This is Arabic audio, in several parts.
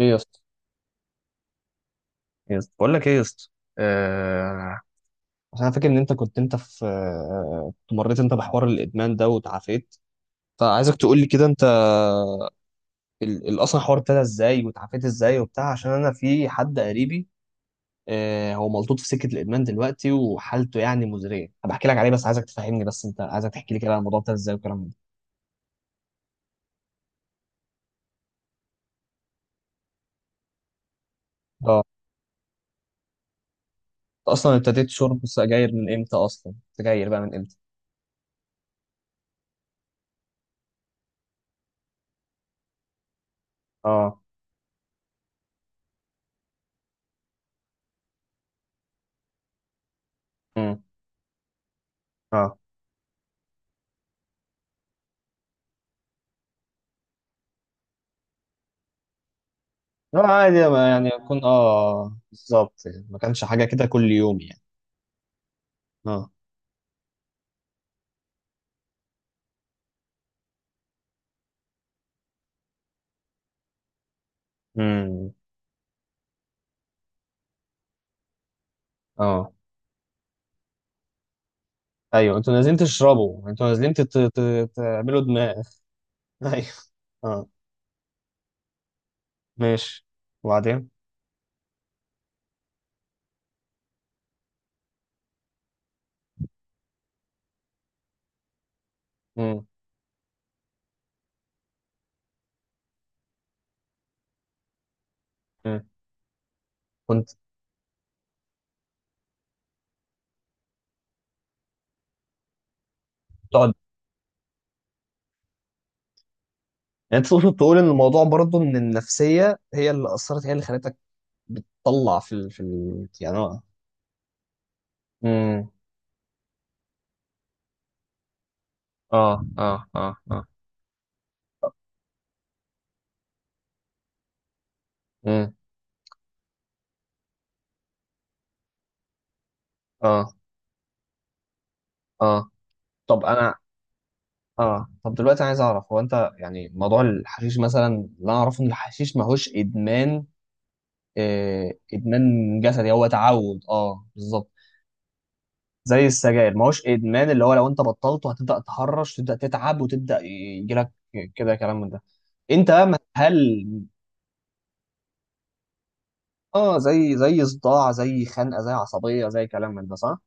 ايه يا اسطى، إيه يا اسطى، بقول لك ايه يا اسطى. آه... عشان انا فاكر ان انت كنت انت في آه، كنت مريت انت بحوار الادمان ده وتعافيت، فعايزك تقول لي كده انت اصلا الحوار ابتدى ازاي وتعافيت ازاي وبتاع، عشان انا في حد قريبي آه هو ملطوط في سكه الادمان دلوقتي وحالته يعني مزريه. بحكي لك عليه بس عايزك تفهمني بس انت عايزك تحكي لي كده عن الموضوع ابتدى ازاي والكلام ده. اه، انت اصلا ابتديت شرب السجاير من امتى؟ اصلا سجاير بقى من امتى؟ اه. امم. اه، لا عادي، ما يعني اكون اه بالظبط يعني. ما كانش حاجه كده كل يوم يعني. اه. امم. اه. ايوه انتوا نازلين تشربوا، انتوا نازلين تعملوا دماغ. ايوه. اه. ماشي. وبعدين؟ امم. امم. كنت تقعد. يعني تقصد تقول ان الموضوع برضه ان النفسيه هي اللي اثرت، هي اللي خلتك بتطلع يعني اه. امم. اه اه اه اه. امم. اه اه. طب انا. اه، طب دلوقتي عايز اعرف، هو انت يعني موضوع الحشيش مثلا اللي انا اعرفه ان الحشيش ماهوش ادمان، ادمان جسدي، هو تعود اه بالظبط. زي السجاير ماهوش ادمان، اللي هو لو انت بطلته هتبدا تهرش، تبدا تتعب وتبدا يجيلك كده كلام من ده. انت بقى هل اه، زي زي صداع، زي خنقه، زي عصبيه، زي كلام من ده صح؟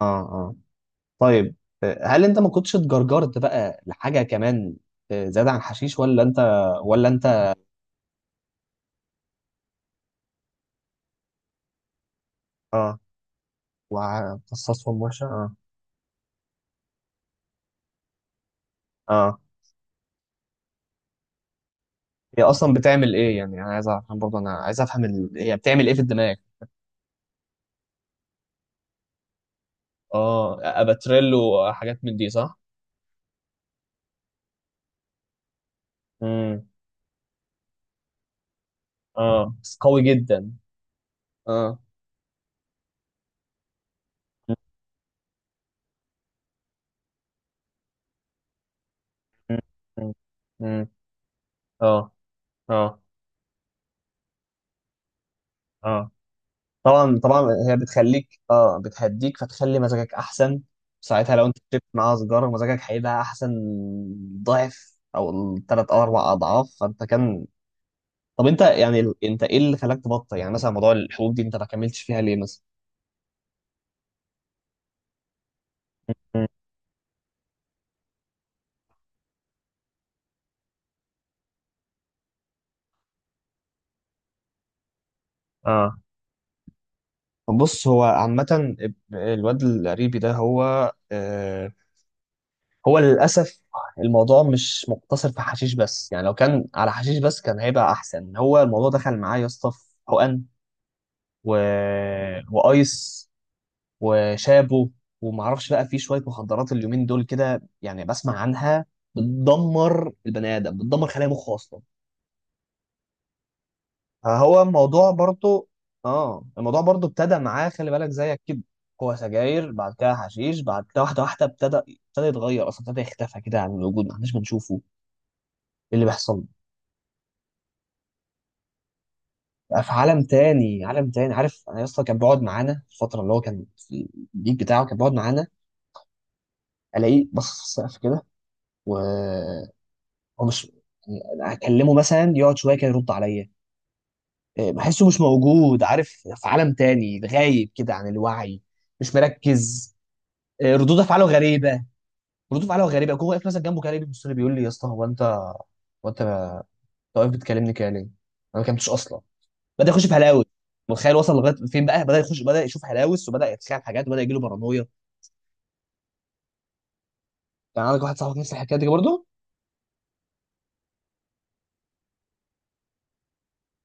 اه اه. طيب. هل انت ما كنتش اتجرجرت بقى لحاجه كمان زياده عن حشيش، ولا انت، ولا انت. اه. وقصصهم وحشه اه. اه. هي اصلا بتعمل ايه يعني؟ انا عايز افهم برضه، انا عايز افهم هي بتعمل ايه في الدماغ؟ اه، اباتريل وحاجات من دي صح. امم. اه بس قوي جدا. اه. مم. مم. مم. اه. اه اه. طبعا طبعا. هي بتخليك اه بتهديك فتخلي مزاجك احسن. ساعتها لو انت شربت معاها سيجاره مزاجك هيبقى احسن، ضعف او ثلاث او اربع اضعاف، فانت كان. طب انت يعني انت ايه اللي خلاك تبطل؟ يعني مثلا موضوع الحبوب دي انت ما كملتش فيها ليه مثلا؟ مم. اه. بص هو عامة الواد القريبي ده هو هو للأسف الموضوع مش مقتصر في حشيش بس. يعني لو كان على حشيش بس كان هيبقى أحسن، هو الموضوع دخل معاه يا اسطى في حقن و... وأيس وشابو ومعرفش بقى في شوية مخدرات اليومين دول كده، يعني بسمع عنها بتدمر البني آدم، بتدمر خلايا مخه أصلا. هو الموضوع برضو، اه الموضوع برضو ابتدى معاه خلي بالك زيك كده، هو سجاير، بعد كده حشيش، بعد كده واحده واحده ابتدى يتغير، اصلا ابتدى يختفى كده عن الوجود، ما احناش بنشوفه. إيه اللي بيحصل له؟ بقى في عالم تاني، عالم تاني. عارف انا اصلا كان بيقعد معانا في الفتره اللي هو كان في البيت بتاعه، كان بيقعد معانا، الاقيه بص في السقف كده، وهو مش، يعني اكلمه مثلا يقعد شويه كده يرد عليا إيه، بحسه مش موجود، عارف، في عالم تاني، غايب كده عن الوعي، مش مركز. ردود افعاله غريبه، ردود افعاله غريبه. هو واقف مثلا جنبه كده ليه، بيبص لي بيقول لي يا اسطى هو انت، أنت واقف بتكلمني كده ليه؟ انا ما كلمتش اصلا. بدا يخش في هلاوس. متخيل وصل لغايه فين؟ بقى بدا يخش، بدا يشوف هلاوس، وبدا يتخيل حاجات، وبدا يجي له بارانويا. كان عندك واحد صاحبك نفس الحكايه دي برضه؟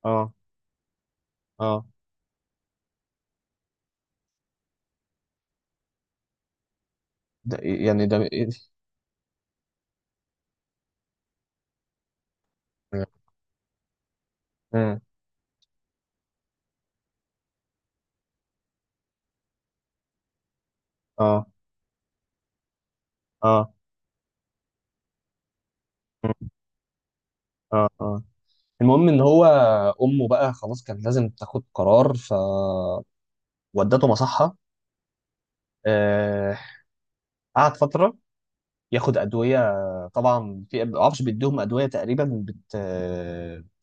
اه اه. ده إيه يعني؟ ده إيه؟ مم. اه اه. مم. اه اه. المهم ان هو امه بقى خلاص كان لازم تاخد قرار، فودته مصحه. آه، قعد فتره ياخد ادويه، طبعا في ما اعرفش، بيديهم ادويه تقريبا بت...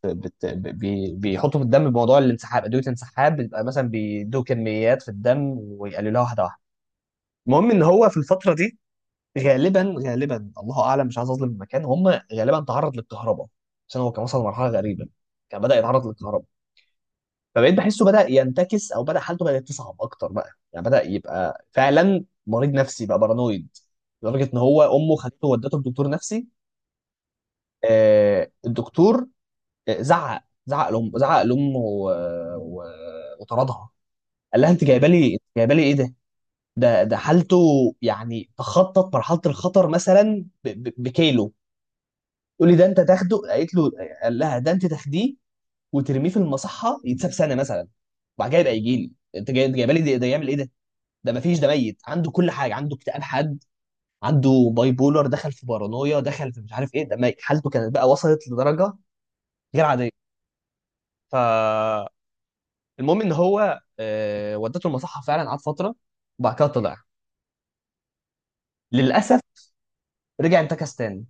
بت... بي... بيحطوا في الدم بموضوع الانسحاب، ادويه الانسحاب بيبقى مثلا بيدوا كميات في الدم ويقللوها واحده واحده. المهم ان هو في الفتره دي غالبا غالبا الله اعلم، مش عايز اظلم المكان، هم غالبا تعرض للكهرباء، عشان هو كان وصل لمرحله غريبه، كان بدا يتعرض للكهرباء. فبقيت بحسه بدا ينتكس، او بدا حالته بدات تصعب اكتر بقى، يعني بدا يبقى فعلا مريض نفسي بقى، بارانويد، لدرجه ان هو امه خدته ودته لدكتور نفسي. الدكتور زعق، زعق لام، زعق لامه و- وطردها، قال لها انت جايبه لي، جايبه لي ايه ده؟ ده ده حالته يعني تخطط مرحله الخطر مثلا بكيلو. تقول لي ده انت تاخده، قالت له، قال لها ده انت تاخديه وترميه في المصحه يتساب سنه مثلا، وبعد كده يبقى يجي لي. انت جاي انت جايبه لي ده، ده يعمل ايه ده؟ ده ما فيش، ده ميت، عنده كل حاجه، عنده اكتئاب حاد، عنده باي بولر، دخل في بارانويا، دخل في مش عارف ايه، ده ميت. حالته كانت بقى وصلت لدرجه غير عاديه. ف، المهم ان هو ودته المصحه فعلا، قعد فتره وبعد كده طلع. للاسف رجع انتكس تاني.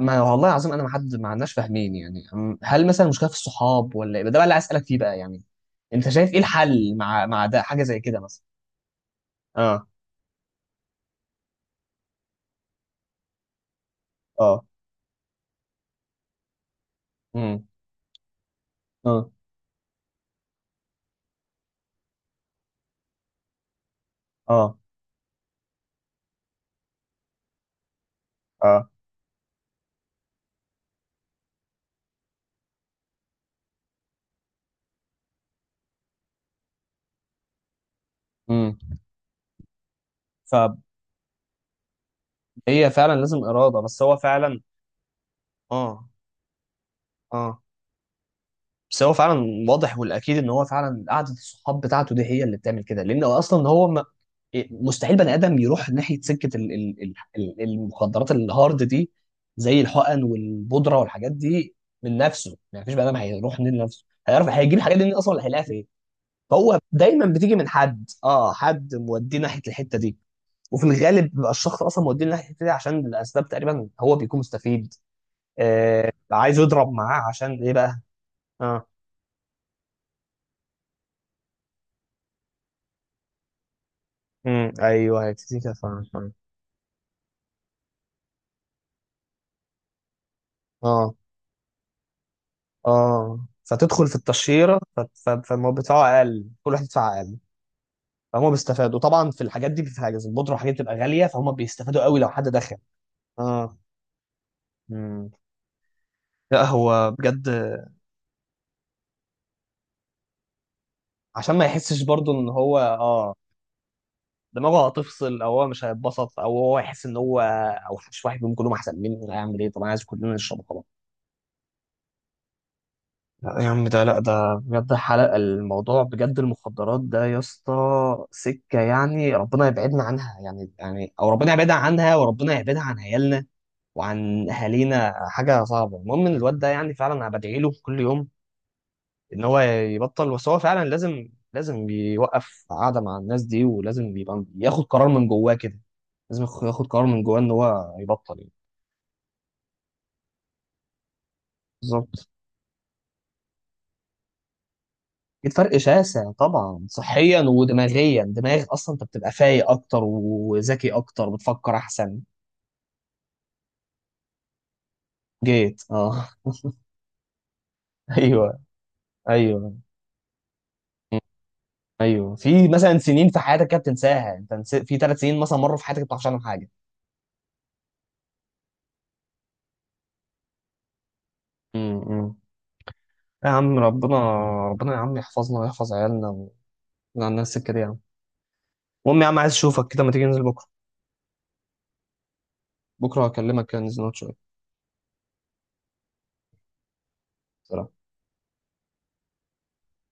ما والله العظيم انا ما حد ما عندناش فاهمين يعني، هل مثلا المشكله في الصحاب ولا ايه ده بقى اللي عايز اسالك فيه بقى يعني؟ انت شايف ايه الحل مع مع ده حاجه زي كده مثلا؟ اه. اه. امم. اه. اه. اه. امم. فهي فعلا لازم اراده، بس هو فعلا. اه اه. بس هو فعلا واضح والاكيد ان هو فعلا قعده الصحاب بتاعته دي هي اللي بتعمل كده، لان هو اصلا هو ما، مستحيل بني ادم يروح ناحيه سكه المخدرات الهارد دي زي الحقن والبودره والحاجات دي من نفسه. يعني مفيش بني ادم هيروح منين لنفسه، هيعرف هيجيب الحاجات دي منين اصلا، ولا هيلاقيها فين؟ فهو دايما بتيجي من حد، اه حد موديه ناحيه الحته دي. وفي الغالب بيبقى الشخص اصلا موديه ناحيه الحته دي عشان الاسباب تقريبا هو بيكون مستفيد، آه عايز يضرب معاه عشان ايه بقى. اه. امم. ايوه هيبتدي كده فعلا فعلا. اه اه. فتدخل في التشهيره فالمواد بتاعه اقل، كل واحد يدفع اقل. فهم بيستفادوا طبعا في الحاجات دي، في حاجه زي البودره والحاجات دي بتبقى غاليه فهم بيستفادوا قوي لو حد دخل. اه. امم. لا هو بجد. عشان ما يحسش برضو ان هو اه، دماغه هتفصل، او هو مش هيتبسط، او هو يحس ان هو، او مش واحد منهم، كلهم احسن مني، أنا هعمل ايه؟ طب انا عايز كلنا نشرب خلاص. لا يا عم ده، لا ده بجد حلقة الموضوع بجد، المخدرات ده يا اسطى سكة يعني ربنا يبعدنا عنها يعني، يعني او ربنا يبعدنا عنها وربنا يبعدها عن عيالنا وعن اهالينا، حاجة صعبة. المهم ان الواد ده يعني فعلا انا بدعي له كل يوم ان هو يبطل، بس هو فعلا لازم لازم يوقف قعدة مع الناس دي، ولازم يبقى ياخد قرار من جواه كده، لازم ياخد قرار من جواه ان هو يبطل يعني. بالظبط. اكيد فرق شاسع طبعا، صحيا ودماغيا، دماغ اصلا انت بتبقى فايق اكتر وذكي اكتر، بتفكر احسن. جيت اه. ايوه. ايوه. ايوه، في مثلا سنين في حياتك كده بتنساها، انت في 3 سنين مثلا مروا في حياتك ما بتعرفش عنهم حاجه. امم. يا عم ربنا، ربنا يا عم يحفظنا ويحفظ عيالنا، ويجعلنا على السكه دي يا عم. المهم يا عم عايز اشوفك كده، ما تيجي ننزل بكره؟ بكره هكلمك كده ننزل نقعد شويه. سلام.